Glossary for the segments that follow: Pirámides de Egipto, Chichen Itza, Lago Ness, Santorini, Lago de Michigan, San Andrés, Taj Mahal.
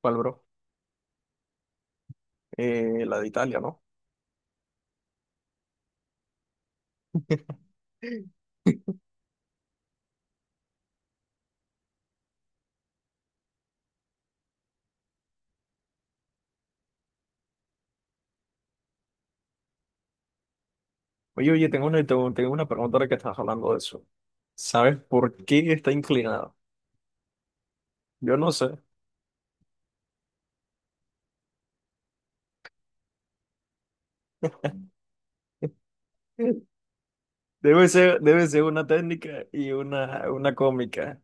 ¿Cuál, bro? La de Italia, ¿no? Oye, oye, tengo una pregunta ahora que estás hablando de eso. ¿Sabes por qué está inclinada? Yo no sé. Debe ser una técnica y una cómica.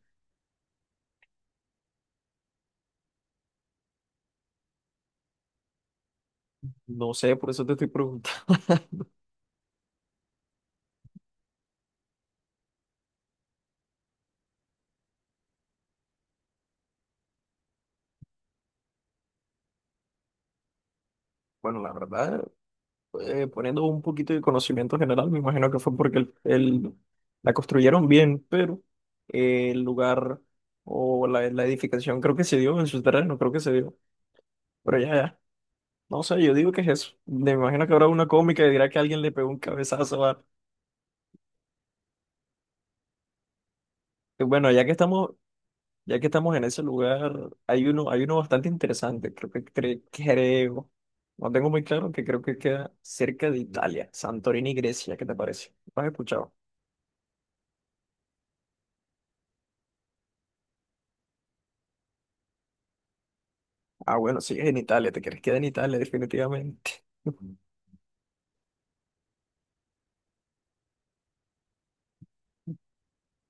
No sé, por eso te estoy preguntando. Bueno, la verdad, poniendo un poquito de conocimiento general, me imagino que fue porque la construyeron bien, pero el lugar o la edificación creo que se dio en su terreno, creo que se dio. Pero ya, ya. No sé, yo digo que es eso. Me imagino que habrá una cómica y dirá que alguien le pegó un cabezazo a... Bueno, ya que estamos en ese lugar, hay uno bastante interesante, creo que creo, no tengo muy claro, que creo que queda cerca de Italia, Santorini, Grecia, ¿qué te parece? ¿Lo has escuchado? Ah, bueno, sí, es en Italia, te quieres quedar en Italia, definitivamente.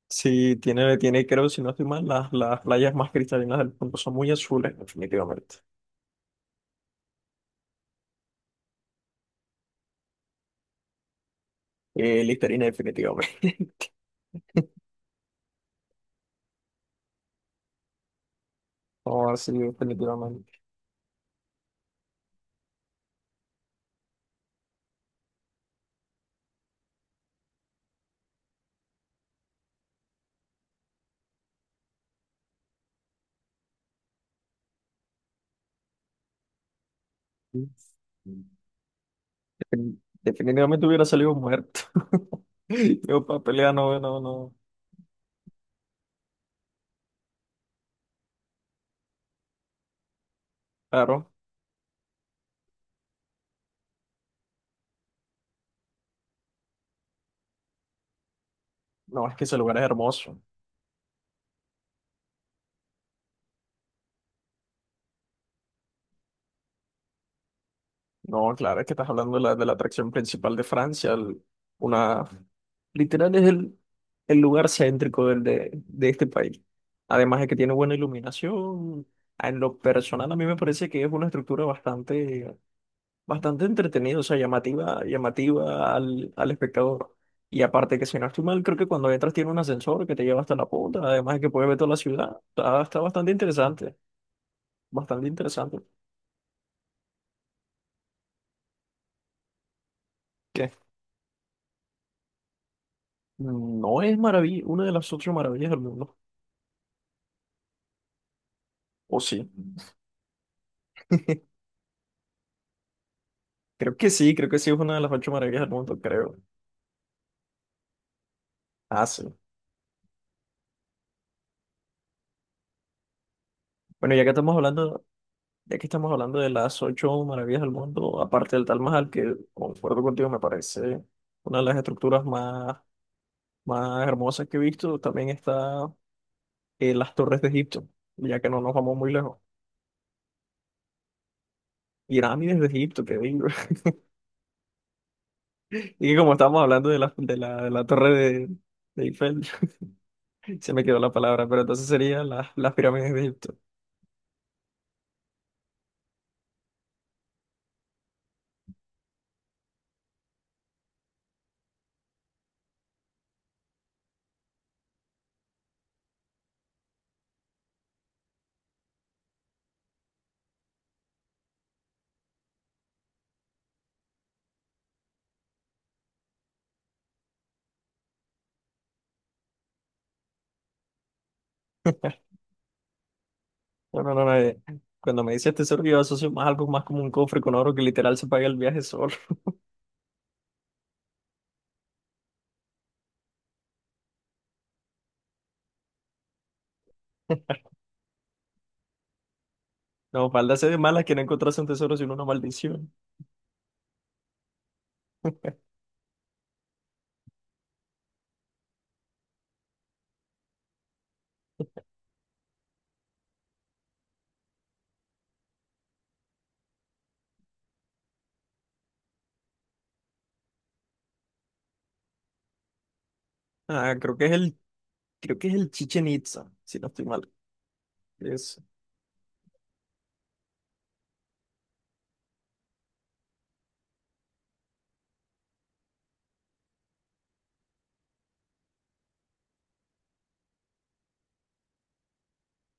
Sí, tiene, creo, si no estoy mal, las playas más cristalinas del mundo son muy azules, definitivamente. Listerine, definitivamente. Oh, sí, definitivamente. Defin- Definitivamente hubiera salido muerto. Yo para pelear, no, no, no. Claro, no, es que ese lugar es hermoso. No, claro, es que estás hablando de la, atracción principal de Francia. Una, Literal es el lugar céntrico de este país. Además de que tiene buena iluminación. En lo personal, a mí me parece que es una estructura bastante bastante entretenido, o sea, llamativa al espectador. Y aparte que si no estoy mal, creo que cuando entras tiene un ascensor que te lleva hasta la punta, además de que puedes ver toda la ciudad. Está, está bastante interesante, bastante interesante. Que no es maravilla, una de las ocho maravillas del mundo. O sí. Creo que sí es una de las ocho maravillas del mundo, creo. Ah, sí. Bueno, ya que estamos hablando, de las ocho maravillas del mundo, aparte del Taj Mahal, que concuerdo contigo, me parece una de las estructuras más más hermosas que he visto también está las torres de Egipto, ya que no nos vamos muy lejos. Pirámides de Egipto, que digo. Y que como estábamos hablando de la, de la torre de Eiffel, se me quedó la palabra, pero entonces serían las, pirámides de Egipto. Bueno, no, no, no, cuando me dices tesoro, yo asocio más algo más como un cofre con oro que literal se paga el viaje solo. No, falda ser de malas que no encontrase un tesoro sino una maldición. Ah, creo que es el, Chichen Itza, si no estoy mal.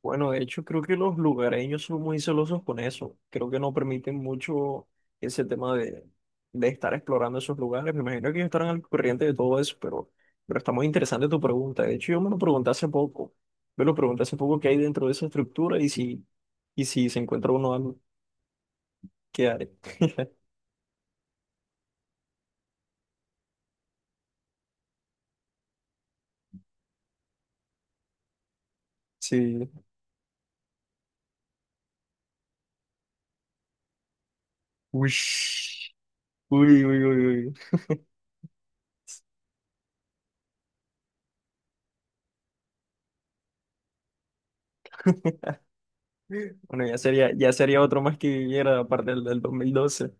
Bueno, de hecho, creo que los lugareños son muy celosos con eso. Creo que no permiten mucho ese tema de estar explorando esos lugares. Me imagino que ellos estarán al corriente de todo eso, pero está muy interesante tu pregunta. De hecho, yo me lo pregunté hace poco. Me lo pregunté hace poco qué hay dentro de esa estructura y si se encuentra uno algo, ¿qué haré? Sí. Uy, uy, uy, uy, uy. Bueno, ya sería otro más que viviera aparte del 2012.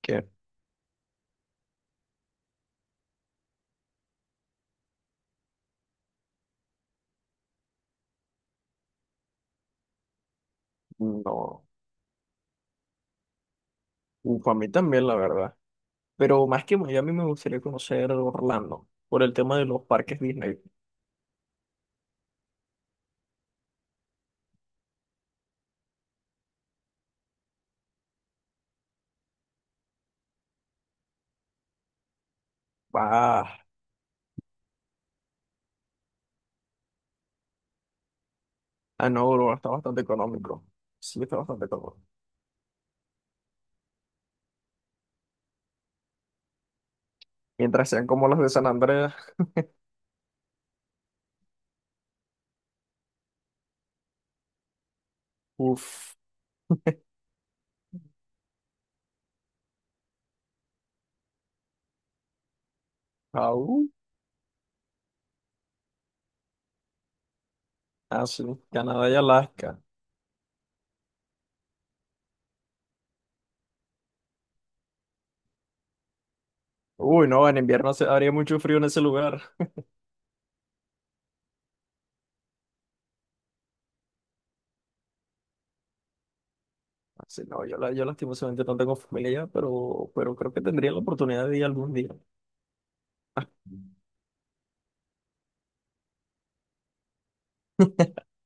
¿Qué? No, uf, a mí también, la verdad. Pero más que Miami me gustaría conocer Orlando por el tema de los parques Disney. Ah, ah, no, bro, está bastante económico. Sí, está bastante económico. Mientras sean como los de San Andrés, uff, aún, así, Canadá y Alaska. Uy, no, en invierno se, haría mucho frío en ese lugar. Así, no, yo lastimosamente no tengo familia allá, pero creo que tendría la oportunidad de ir algún día.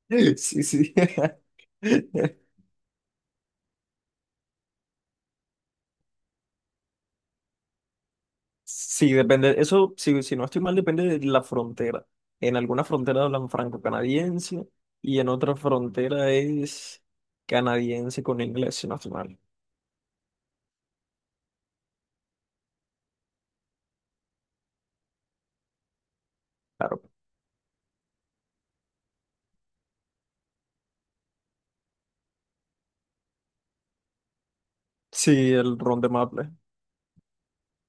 Sí, sí. Sí, depende, eso, si, si no estoy mal, depende de la frontera. En alguna frontera hablan franco-canadiense y en otra frontera es canadiense con inglés, si no estoy mal. Claro. Sí, el ron de maple,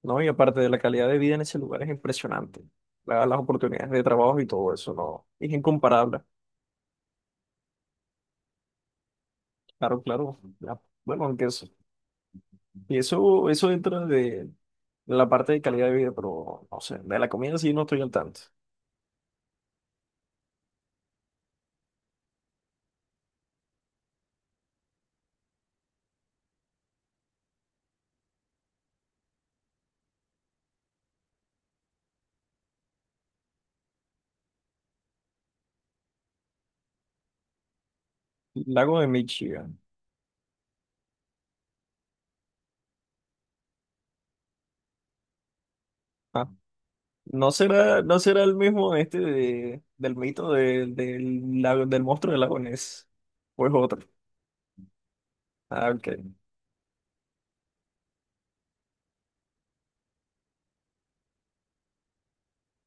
¿no? Y aparte de la calidad de vida en ese lugar es impresionante. Las oportunidades de trabajo y todo eso, ¿no? Es incomparable. Claro, claro. Ya, bueno, aunque eso, y eso entra de la parte de calidad de vida, pero no sé, de la comida sí no estoy al tanto. Lago de Michigan. ¿No será, no será el mismo este del monstruo del lago Ness? ¿O es otro? Ah, ok.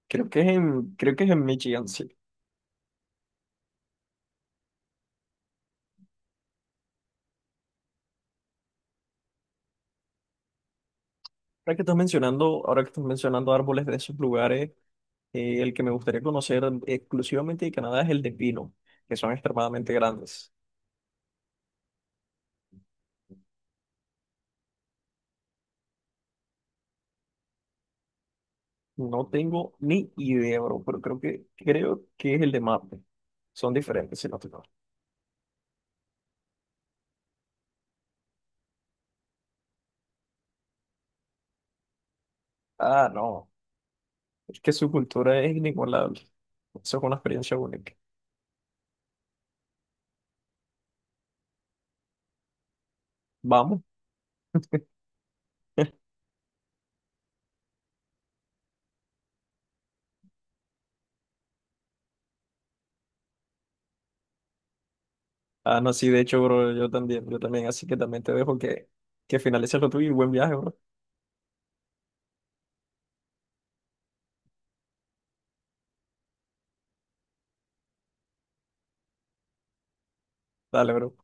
Creo que es en, creo que es en Michigan, sí. Ahora que estás mencionando, ahora que estás mencionando árboles de esos lugares, el que me gustaría conocer exclusivamente de Canadá es el de pino, que son extremadamente grandes. No tengo ni idea, bro, pero creo que es el de maple. Son diferentes, si no te equivoco. Ah, no. Es que su cultura es inigualable. Eso es una experiencia única. Vamos. Ah, no, sí, de hecho, bro, yo también, así que también te dejo que, finalices lo tuyo y buen viaje, bro. Dale, bro.